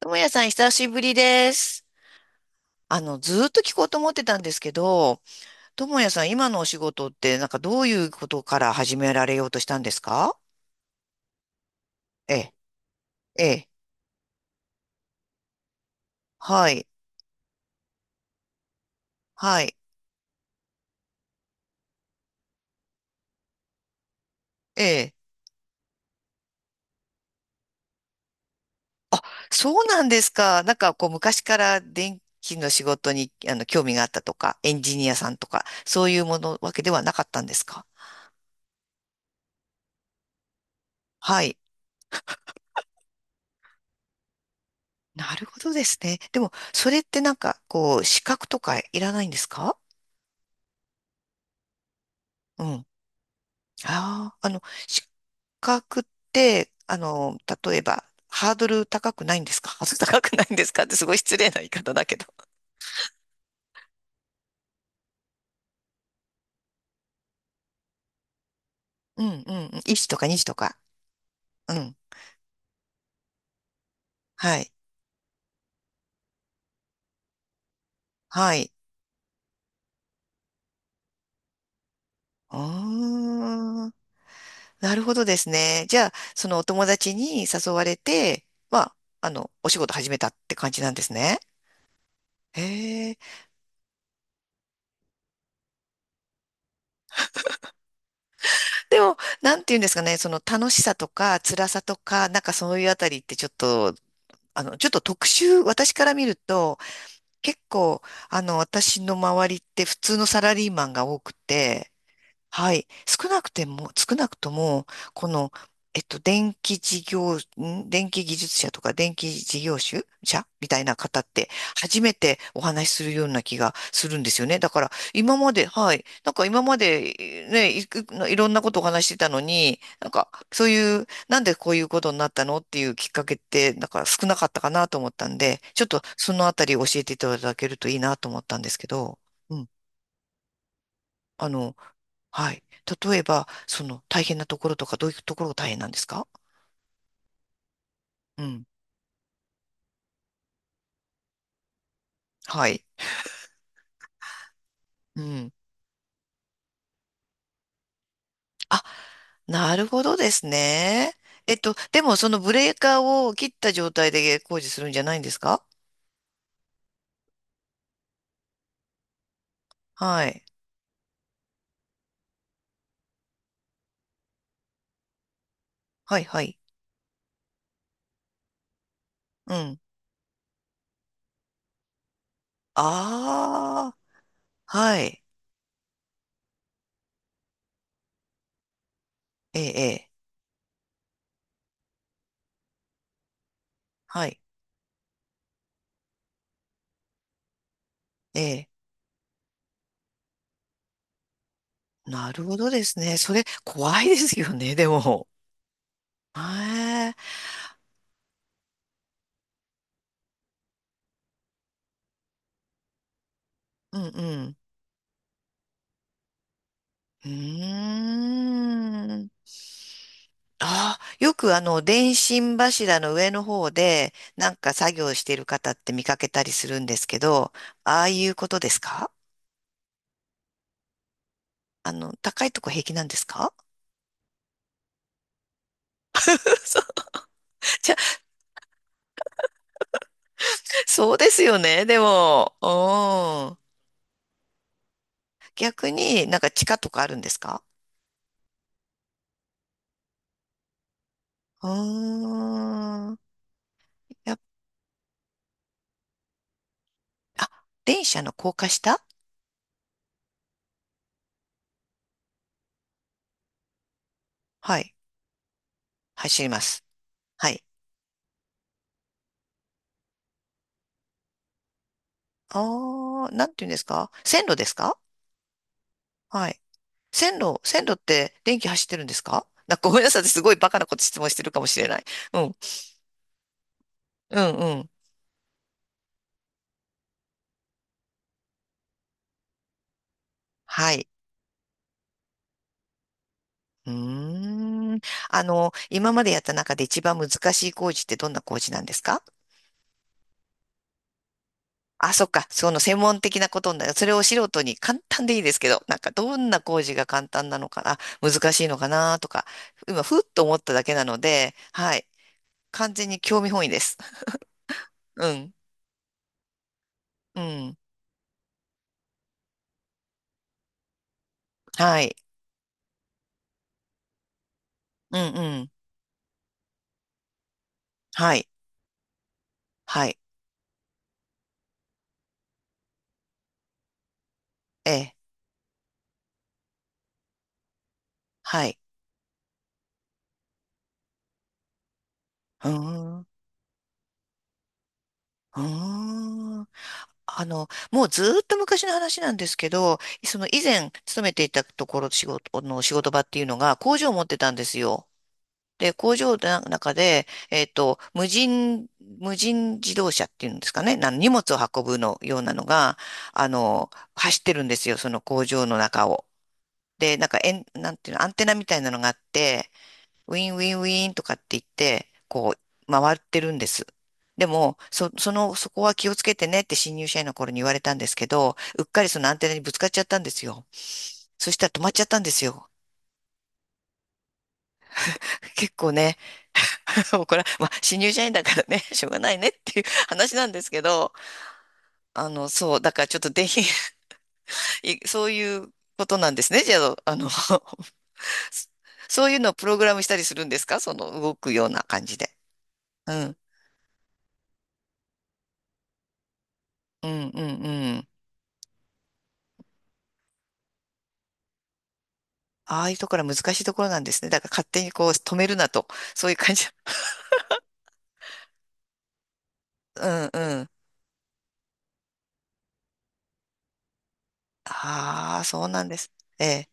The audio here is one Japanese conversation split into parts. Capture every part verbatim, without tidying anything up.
ともやさん、久しぶりです。あの、ずーっと聞こうと思ってたんですけど、ともやさん、今のお仕事って、なんかどういうことから始められようとしたんですか？ええ、ええ、はい、はい、ええ。あ、そうなんですか。なんか、こう、昔から電気の仕事に、あの、興味があったとか、エンジニアさんとか、そういうものわけではなかったんですか？はい。なるほどですね。でも、それってなんか、こう、資格とかいらないんですか？うん。ああ、あの、資格って、あの、例えば、ハードル高くないんですかハードル高くないんですかってすごい失礼な言い方だけど。うんうんうん。いちとかにとか。うん。はい。はい。うーん。なるほどですね。じゃあ、そのお友達に誘われて、まあ、あの、お仕事始めたって感じなんですね。へえ。でも、なんて言うんですかね、その楽しさとか辛さとか、なんかそういうあたりってちょっと、あの、ちょっと特殊、私から見ると、結構、あの、私の周りって普通のサラリーマンが多くて、はい。少なくても、少なくとも、この、えっと、電気事業、ん電気技術者とか電気事業主者みたいな方って、初めてお話しするような気がするんですよね。だから、今まで、はい。なんか今まで、ね、いく、いろんなことをお話ししてたのに、なんか、そういう、なんでこういうことになったのっていうきっかけって、なんか少なかったかなと思ったんで、ちょっとそのあたり教えていただけるといいなと思ったんですけど、うん。あの、はい。例えば、その大変なところとか、どういうところが大変なんですか？うん。はい。うん。あ、なるほどですね。えっと、でもそのブレーカーを切った状態で工事するんじゃないんですか？はい。はい、はい。うん。ああ、はい。ええ、ええ。はい。ええ。なるほどですね。それ、怖いですよね、でも。へえ。うん、うん。うーん。ああ、よくあの、電信柱の上の方で、なんか作業している方って見かけたりするんですけど、ああいうことですか？あの、高いとこ平気なんですか？ そう、じゃ、そうですよね、でも。うん。逆になんか地下とかあるんですか？うーん。やっ、あ、電車の高架下。はい。走ります。はい。ああ、なんていうんですか線路ですか？はい。線路、線路って電気走ってるんですか？なんかごめんなさい。私すごいバカなこと質問してるかもしれない。うん。うん、うん。はい。うーん。あの、今までやった中で一番難しい工事ってどんな工事なんですか？あ、そっか。その専門的なことになる。それを素人に簡単でいいですけど、なんかどんな工事が簡単なのかな、難しいのかなとか、今、ふっと思っただけなので、はい。完全に興味本位です。うん。うん。はい。うんうん。はい。はい。ええ。はい。うーん、うーん。あの、もうずーっと昔の話なんですけど、その以前勤めていたところ、仕事の仕事場っていうのが工場を持ってたんですよ。で、工場の中で、えっと、無人、無人自動車っていうんですかね、な荷物を運ぶのようなのが、あの、走ってるんですよ、その工場の中を。で、なんか、えん、なんていうの、アンテナみたいなのがあって、ウィンウィンウィンとかって言って、こう、回ってるんです。でも、そ、その、そこは気をつけてねって新入社員の頃に言われたんですけど、うっかりそのアンテナにぶつかっちゃったんですよ。そしたら止まっちゃったんですよ。結構ね、もうこれは、まあ、新入社員だからね、しょうがないねっていう 話なんですけど、あの、そう、だからちょっとぜひ、いそういうことなんですね。じゃあ、あの、そそういうのをプログラムしたりするんですかその動くような感じで。うん、うん、うん、うん。ああいうところは難しいところなんですね。だから勝手にこう止めるなと。そういう感じ。うんうん。ああ、そうなんです。ええ。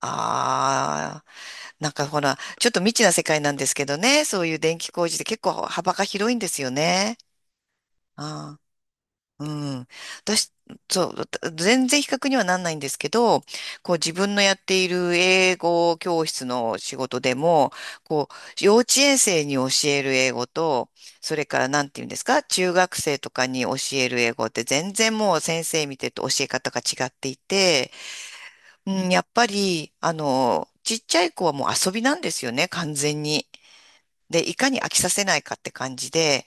ああ、なんかほら、ちょっと未知な世界なんですけどね。そういう電気工事って結構幅が広いんですよね。ああ。うん。私、そう、た全然比較にはなんないんですけど、こう自分のやっている英語教室の仕事でも、こう幼稚園生に教える英語と、それからなんて言うんですか、中学生とかに教える英語って全然もう先生見てると教え方が違っていて、うん、やっぱり、あの、ちっちゃい子はもう遊びなんですよね、完全に。で、いかに飽きさせないかって感じで、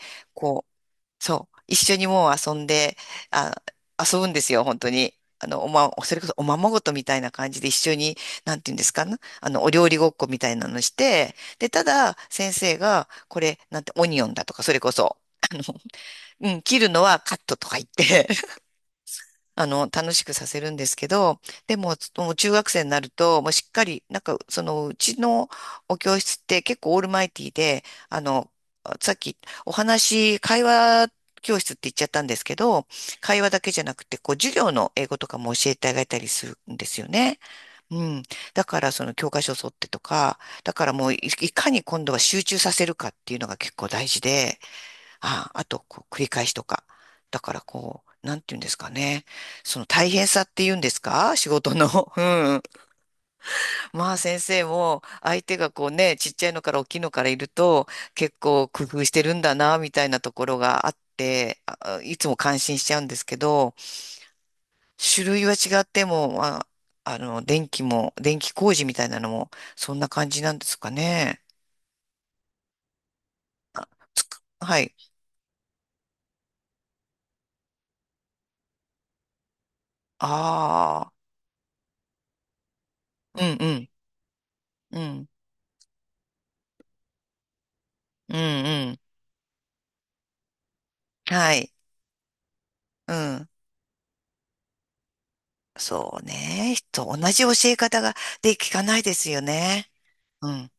そう。一緒にもう遊んで、あ、遊ぶんですよ、本当に。あの、おま、それこそおままごとみたいな感じで一緒に、なんていうんですかね。あの、お料理ごっこみたいなのして、で、ただ、先生が、これ、なんて、オニオンだとか、それこそ、あの、うん、切るのはカットとか言って、あの、楽しくさせるんですけど、でも、もう中学生になると、もうしっかり、なんか、その、うちのお教室って結構オールマイティーで、あの、さっきお話、会話教室って言っちゃったんですけど、会話だけじゃなくて、こう、授業の英語とかも教えてあげたりするんですよね。うん。だから、その教科書を沿ってとか、だからもうい、いかに今度は集中させるかっていうのが結構大事で、あ、あと、こう、繰り返しとか。だから、こう、なんて言うんですかね。その大変さって言うんですか？ 仕事の。うん。まあ、先生も、相手がこうね、ちっちゃいのから大きいのからいると、結構工夫してるんだな、みたいなところがあって、あいつも感心しちゃうんですけど、種類は違っても、まあ、あの、電気も、電気工事みたいなのも、そんな感じなんですかね。つくはい。ああ、うんうん、うん、うんうん。はい。うん。そうね。と同じ教え方がで聞かないですよね。うん。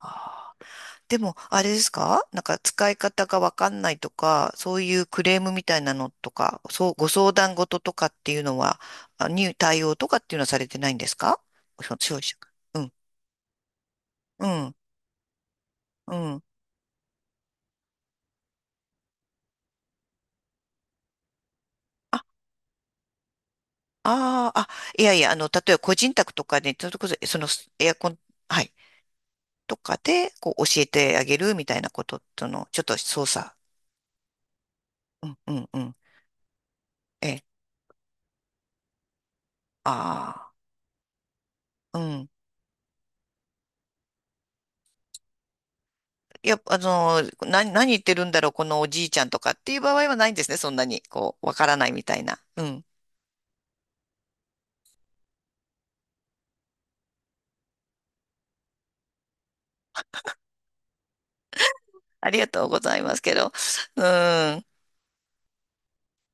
あー。でも、あれですかなんか使い方がわかんないとか、そういうクレームみたいなのとか、そう、ご相談事とかっていうのは、あに対応とかっていうのはされてないんですか？消消費者が。うん。うん。うん。あ、あーあ、いやいや、あの、例えば個人宅とかで、それこそ、そのエアコン、はい、とかで、こう、教えてあげるみたいなこととの、ちょっと操作。うん、うん、うん。え、ああ、うん。いや、あの、何、何言ってるんだろう、このおじいちゃんとかっていう場合はないんですね。そんなに、こう、わからないみたいな。うん。ありがとうございますけど。うん。